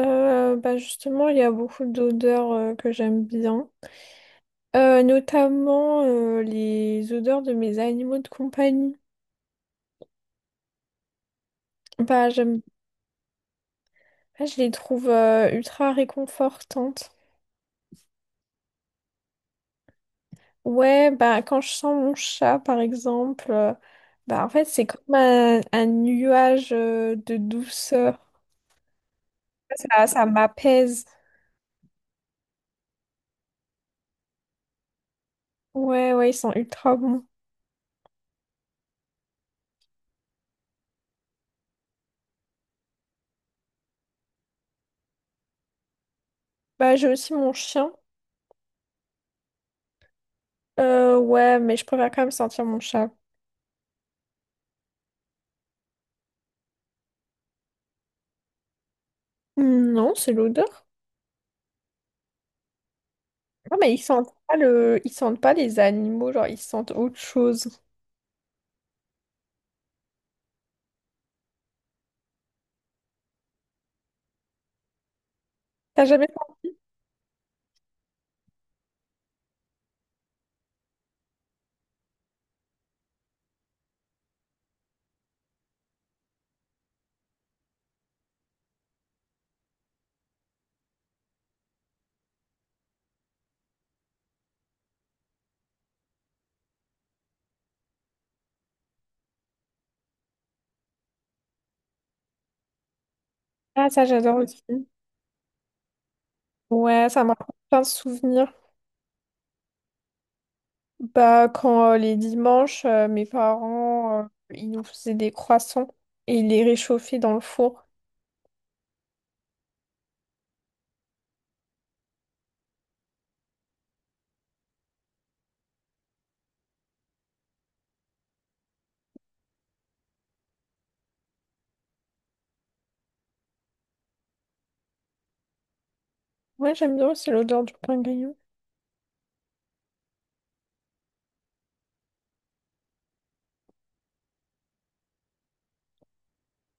Bah justement, il y a beaucoup d'odeurs que j'aime bien. Notamment les odeurs de mes animaux de compagnie. Bah, j'aime, je les trouve ultra réconfortantes. Ouais, bah quand je sens mon chat par exemple, en fait c'est comme un nuage de douceur. Ça m'apaise. Ouais, ouais, ils sont ultra bons. Bah j'ai aussi mon chien. Ouais, mais je préfère quand même sentir mon chat. Non, c'est l'odeur. Non, mais ils sentent pas le ils sentent pas les animaux, genre ils sentent autre chose. T'as jamais senti? Ah, ça j'adore aussi. Ouais, ça m'a rappelle plein de souvenirs. Bah, quand les dimanches, mes parents, ils nous faisaient des croissants et ils les réchauffaient dans le four. Ouais, j'aime bien aussi l'odeur du pain grillé.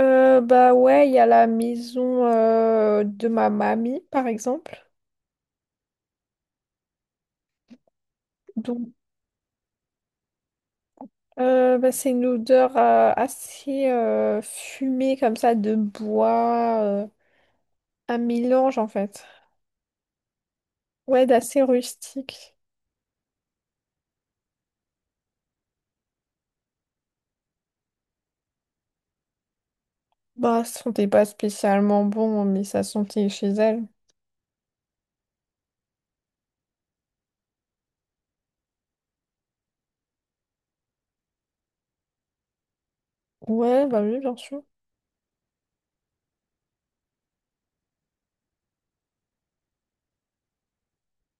Bah ouais, il y a la maison de ma mamie, par exemple. Donc, c'est une odeur assez fumée, comme ça, de bois, un mélange en fait. Ouais, d'assez rustique. Bah, ça sentait pas spécialement bon, mais ça sentait chez elle. Ouais, bah oui, bien sûr.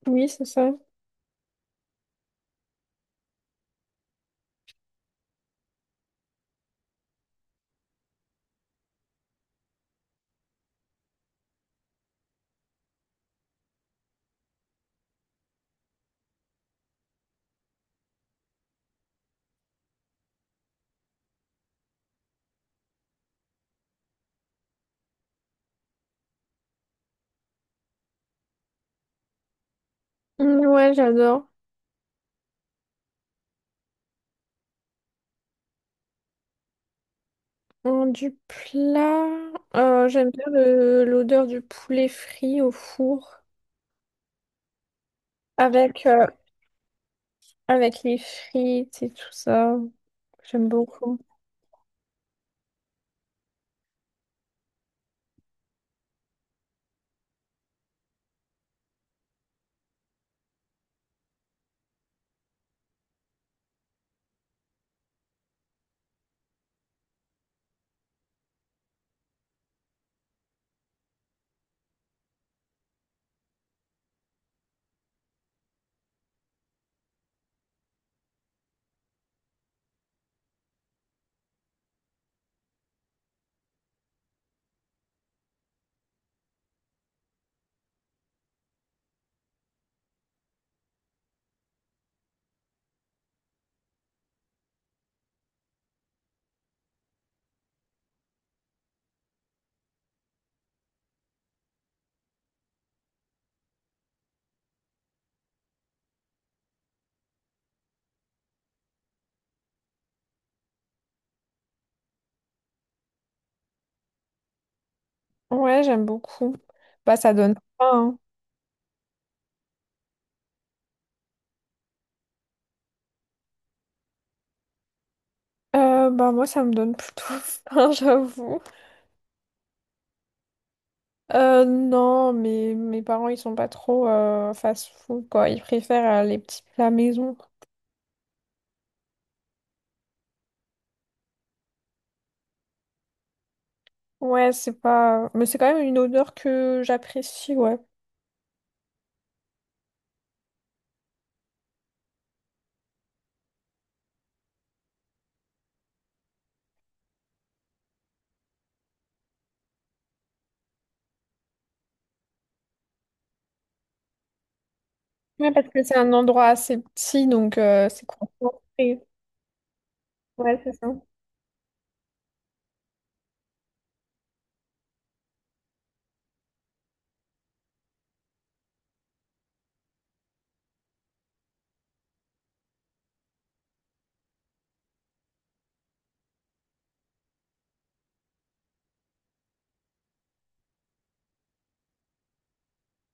Oui, c'est ça. Mm, ouais, j'adore. Mm, du plat, j'aime bien l'odeur du poulet frit au four. Avec, euh, Avec les frites et tout ça. J'aime beaucoup. Ouais, j'aime beaucoup. Bah, ça donne faim. Hein. Bah, moi, ça me donne plutôt faim, j'avoue. Non, mais mes parents, ils sont pas trop fast-food, quoi. Ils préfèrent les petits plats maison. Ouais, c'est pas Mais c'est quand même une odeur que j'apprécie, ouais. Ouais, parce que c'est un endroit assez petit, donc c'est concentré. Ouais, c'est ça.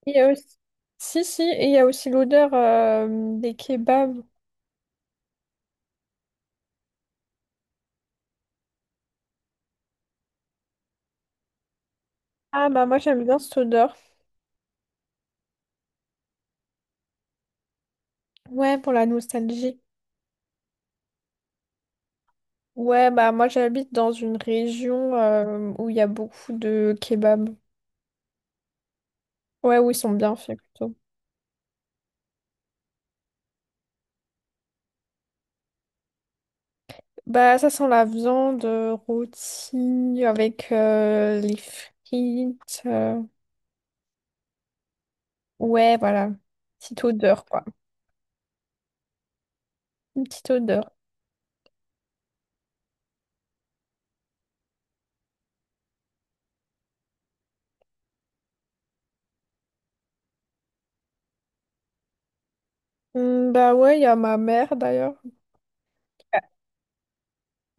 Il y a aussi Si, si, et il y a aussi l'odeur des kebabs. Ah, bah moi, j'aime bien cette odeur. Ouais, pour la nostalgie. Ouais, bah moi, j'habite dans une région où il y a beaucoup de kebabs. Ouais, où ils sont bien faits, plutôt. Bah, ça sent la viande rôtie avec les frites. Ouais, voilà. Petite odeur, quoi. Une petite odeur. Bah ouais, il y a ma mère d'ailleurs.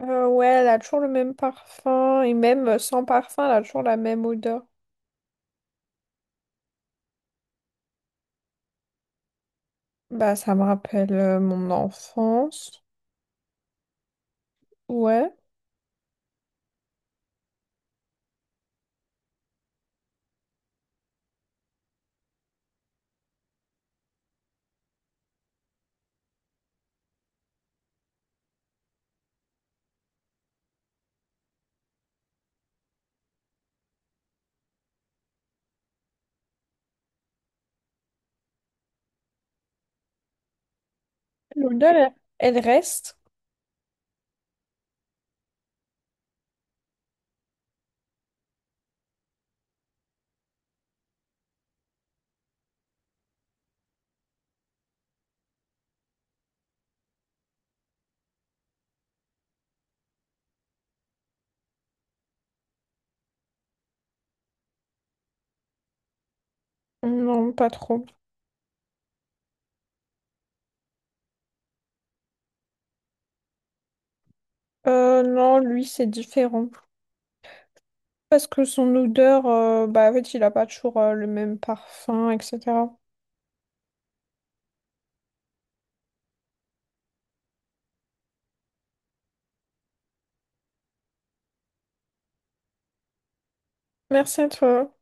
Ouais, elle a toujours le même parfum. Et même sans parfum, elle a toujours la même odeur. Bah, ça me rappelle mon enfance. Ouais. L'odeur, elle reste? Non, pas trop. Non, lui, c'est différent. Parce que son odeur, en fait, il a pas toujours le même parfum, etc. Merci à toi.